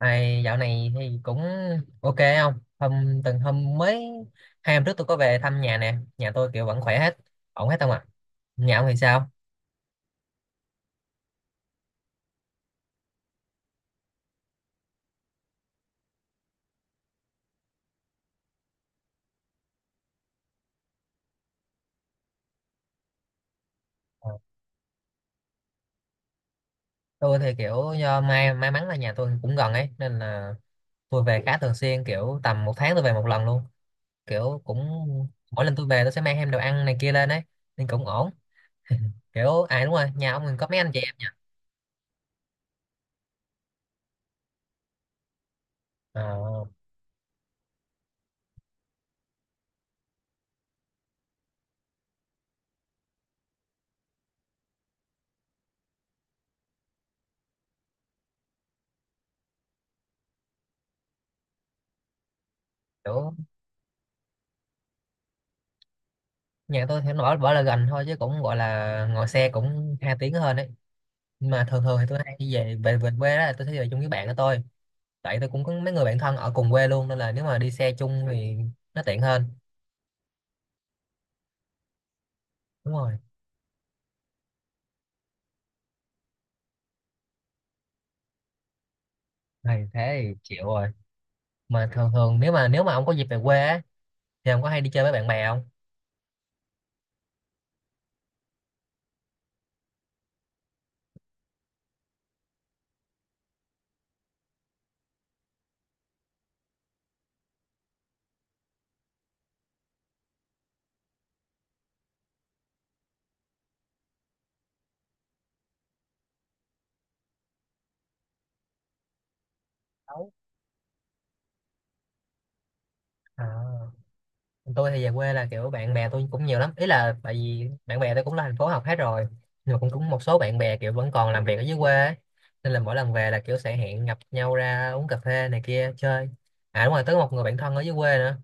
Này, dạo này thì cũng ok không? Hôm từng hôm mới Hai hôm trước tôi có về thăm nhà nè, nhà tôi kiểu vẫn khỏe hết, ổn hết không ạ? Nhà ông thì sao? Ờ, tôi thì kiểu do may mắn là nhà tôi cũng gần ấy nên là tôi về khá thường xuyên, kiểu tầm một tháng tôi về một lần luôn. Kiểu cũng mỗi lần tôi về tôi sẽ mang thêm đồ ăn này kia lên ấy nên cũng ổn. Kiểu à đúng rồi, nhà ông mình có mấy anh chị em nhỉ? Ờ, kiểu nhà tôi thì nó bảo bảo là gần thôi chứ cũng gọi là ngồi xe cũng hai tiếng hơn ấy, nhưng mà thường thường thì tôi hay đi về về về quê, đó là tôi sẽ về chung với bạn của tôi, tại tôi cũng có mấy người bạn thân ở cùng quê luôn, nên là nếu mà đi xe chung thì nó tiện hơn. Đúng rồi, này thế thì chịu rồi. Mà thường thường, nếu mà ông có dịp về quê á, thì ông có hay đi chơi với bạn bè không? Đâu. À, tôi thì về quê là kiểu bạn bè tôi cũng nhiều lắm, ý là tại vì bạn bè tôi cũng là thành phố học hết rồi, nhưng mà cũng cũng một số bạn bè kiểu vẫn còn làm việc ở dưới quê ấy. Nên là mỗi lần về là kiểu sẽ hẹn gặp nhau ra uống cà phê này kia chơi. À đúng rồi, tới một người bạn thân ở dưới quê nữa.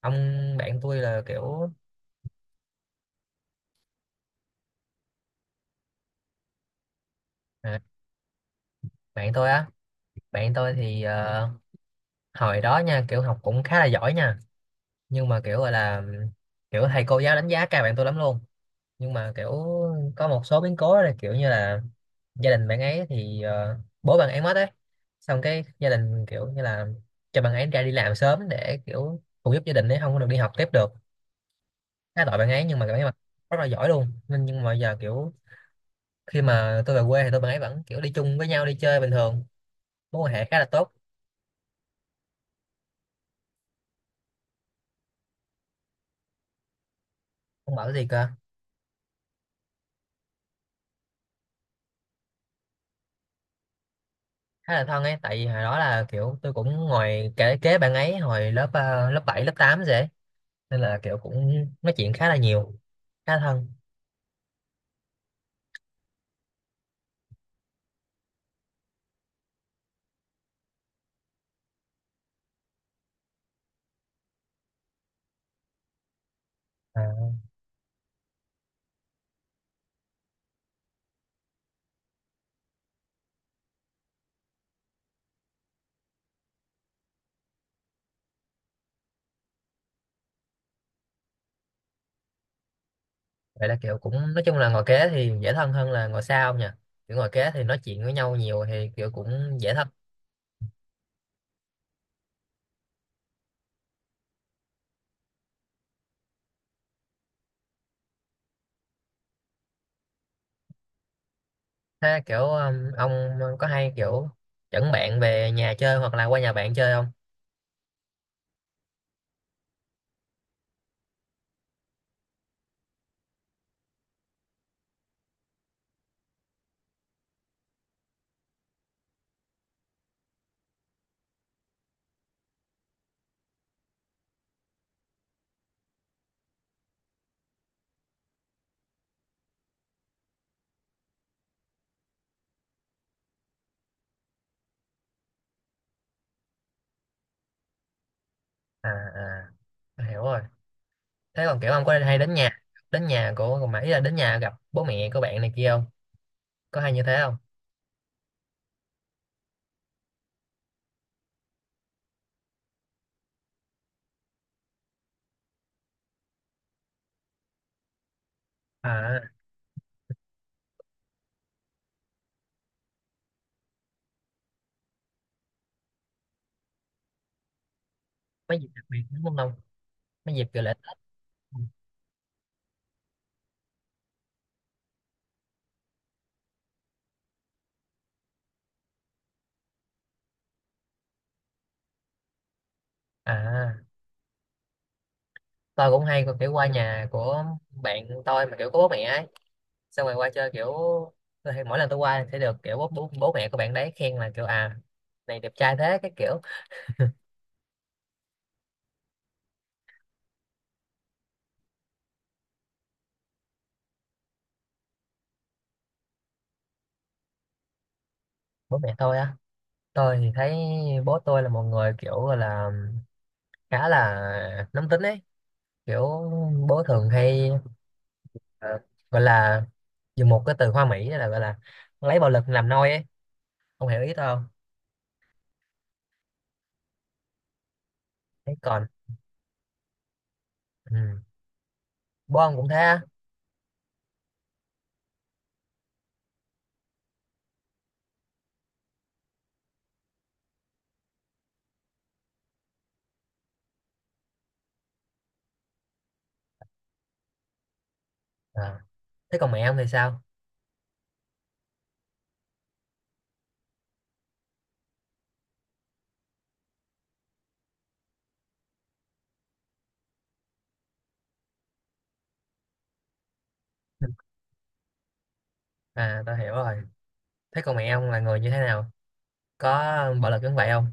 Ông, bạn tôi là kiểu, à, bạn tôi á bạn tôi thì hồi đó nha, kiểu học cũng khá là giỏi nha, nhưng mà kiểu gọi là, kiểu thầy cô giáo đánh giá cao bạn tôi lắm luôn, nhưng mà kiểu có một số biến cố là kiểu như là gia đình bạn ấy thì bố bạn ấy mất ấy, xong cái gia đình kiểu như là cho bạn ấy ra đi làm sớm để kiểu phụ giúp gia đình ấy, không có được đi học tiếp được. Khá tội bạn ấy, nhưng mà bạn ấy mà rất là giỏi luôn, nên nhưng mà giờ kiểu khi mà tôi về quê thì tôi bạn ấy vẫn kiểu đi chung với nhau đi chơi bình thường, mối quan hệ khá là tốt. Ông bảo cái gì cơ? Khá là thân ấy, tại vì hồi đó là kiểu tôi cũng ngồi kế bạn ấy hồi lớp, lớp 7 lớp 8 dễ, nên là kiểu cũng nói chuyện khá là nhiều, khá là thân. À, vậy là kiểu cũng nói chung là ngồi kế thì dễ thân hơn là ngồi xa ông nhỉ, kiểu ngồi kế thì nói chuyện với nhau nhiều thì kiểu cũng dễ thân. Thế kiểu ông có hay kiểu dẫn bạn về nhà chơi hoặc là qua nhà bạn chơi không? À, à tôi hiểu rồi. Thế còn kiểu ông có hay đến nhà, đến nhà của, mà ý là đến nhà gặp bố mẹ của bạn này kia không, có hay như thế không? À mấy dịp đặc biệt đúng không, mấy dịp kiểu lễ Tết. À tôi cũng hay kiểu qua nhà của bạn tôi mà kiểu có bố mẹ ấy, xong rồi qua chơi kiểu, mỗi lần tôi qua sẽ được kiểu bố mẹ của bạn đấy khen là kiểu à này đẹp trai thế cái kiểu. Bố mẹ tôi á, tôi thì thấy bố tôi là một người kiểu gọi là khá là nóng tính ấy, kiểu bố thường hay ờ, gọi là, dùng một cái từ hoa mỹ là gọi là lấy bạo lực làm nôi ấy, ông hiểu ý tôi không? Thế còn ừ. Bon cũng thế á? À. Thế còn mẹ ông thì sao? À tao hiểu rồi. Thế còn mẹ ông là người như thế nào? Có bạo lực giống vậy không?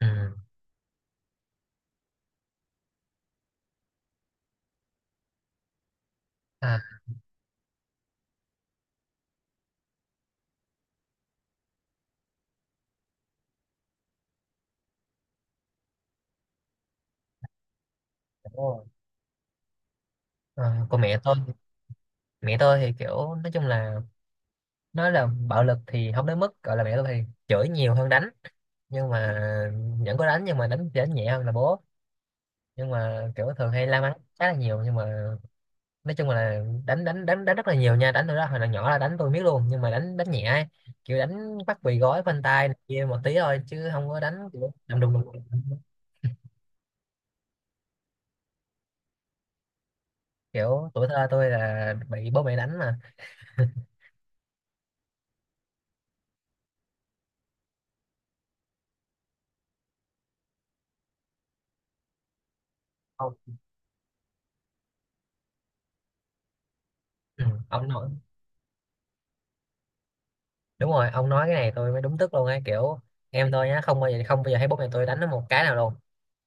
Ừ. À, đúng rồi. Ờ, còn mẹ tôi thì kiểu nói chung là, nói là bạo lực thì không đến mức gọi là, mẹ tôi thì chửi nhiều hơn đánh, nhưng mà vẫn có đánh, nhưng mà đánh đánh nhẹ hơn là bố, nhưng mà kiểu thường hay la mắng khá là nhiều, nhưng mà nói chung là đánh đánh đánh đánh rất là nhiều nha, đánh tôi đó hồi là nhỏ là đánh tôi biết luôn, nhưng mà đánh đánh nhẹ ấy. Kiểu đánh bắt bị gói phanh tay này kia một tí thôi chứ không có đánh kiểu đùng đùng đùng đùng. Kiểu tuổi thơ tôi là bị bố mẹ đánh mà ông. Ừ, ông nói đúng rồi, ông nói cái này tôi mới đúng tức luôn ấy kiểu, em tôi nhá, không bao giờ không bao giờ thấy bố mẹ tôi đánh nó một cái nào luôn.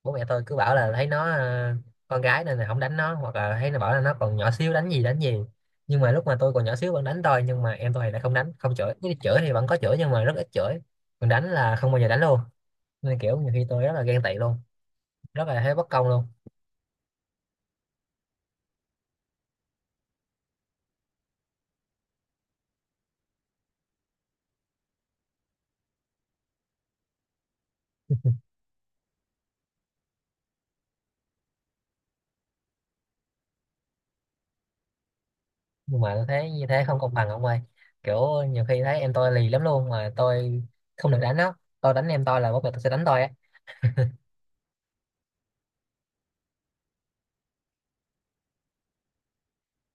Bố mẹ tôi cứ bảo là thấy nó con gái nên là không đánh nó, hoặc là thấy nó bảo là nó còn nhỏ xíu đánh gì đánh gì, nhưng mà lúc mà tôi còn nhỏ xíu vẫn đánh tôi, nhưng mà em tôi thì lại không đánh không chửi, chứ chửi thì vẫn có chửi nhưng mà rất ít chửi, còn đánh là không bao giờ đánh luôn. Nên kiểu nhiều khi tôi rất là ghen tị luôn, rất là thấy bất công luôn. Nhưng mà tôi thấy như thế không công bằng ông ơi, kiểu nhiều khi thấy em tôi lì lắm luôn mà tôi không được đánh nó, tôi đánh em tôi là bố mẹ tôi sẽ đánh tôi á.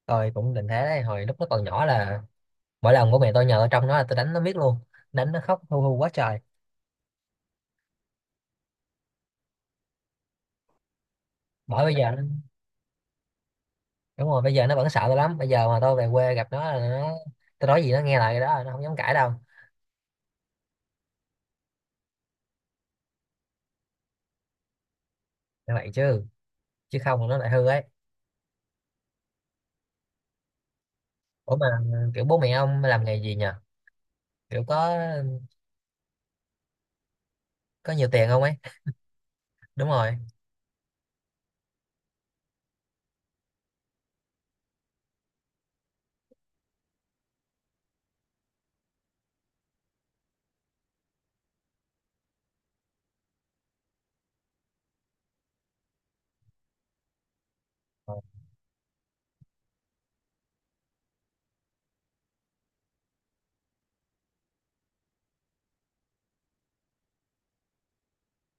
Tôi cũng định thế đấy, hồi lúc nó còn nhỏ là mỗi lần bố mẹ tôi nhờ tôi trông nó là tôi đánh nó miết luôn, đánh nó khóc hu hu quá trời. Bởi bây giờ đúng rồi bây giờ nó vẫn sợ tôi lắm, bây giờ mà tôi về quê gặp nó là nó, tôi nói gì nó nghe lại cái đó, nó không dám cãi đâu. Như vậy chứ chứ không là nó lại hư ấy. Ủa mà kiểu bố mẹ ông làm nghề gì nhờ, kiểu có nhiều tiền không ấy? Đúng rồi.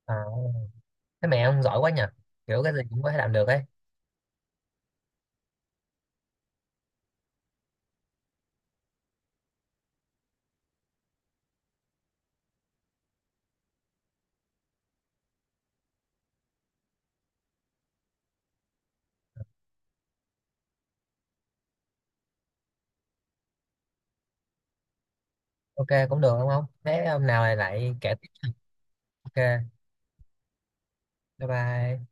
À, thế mẹ ông giỏi quá nhờ, kiểu cái gì cũng có thể làm được ấy. Ok cũng được đúng không, thế hôm nào lại lại kể tiếp. Ok bye bye.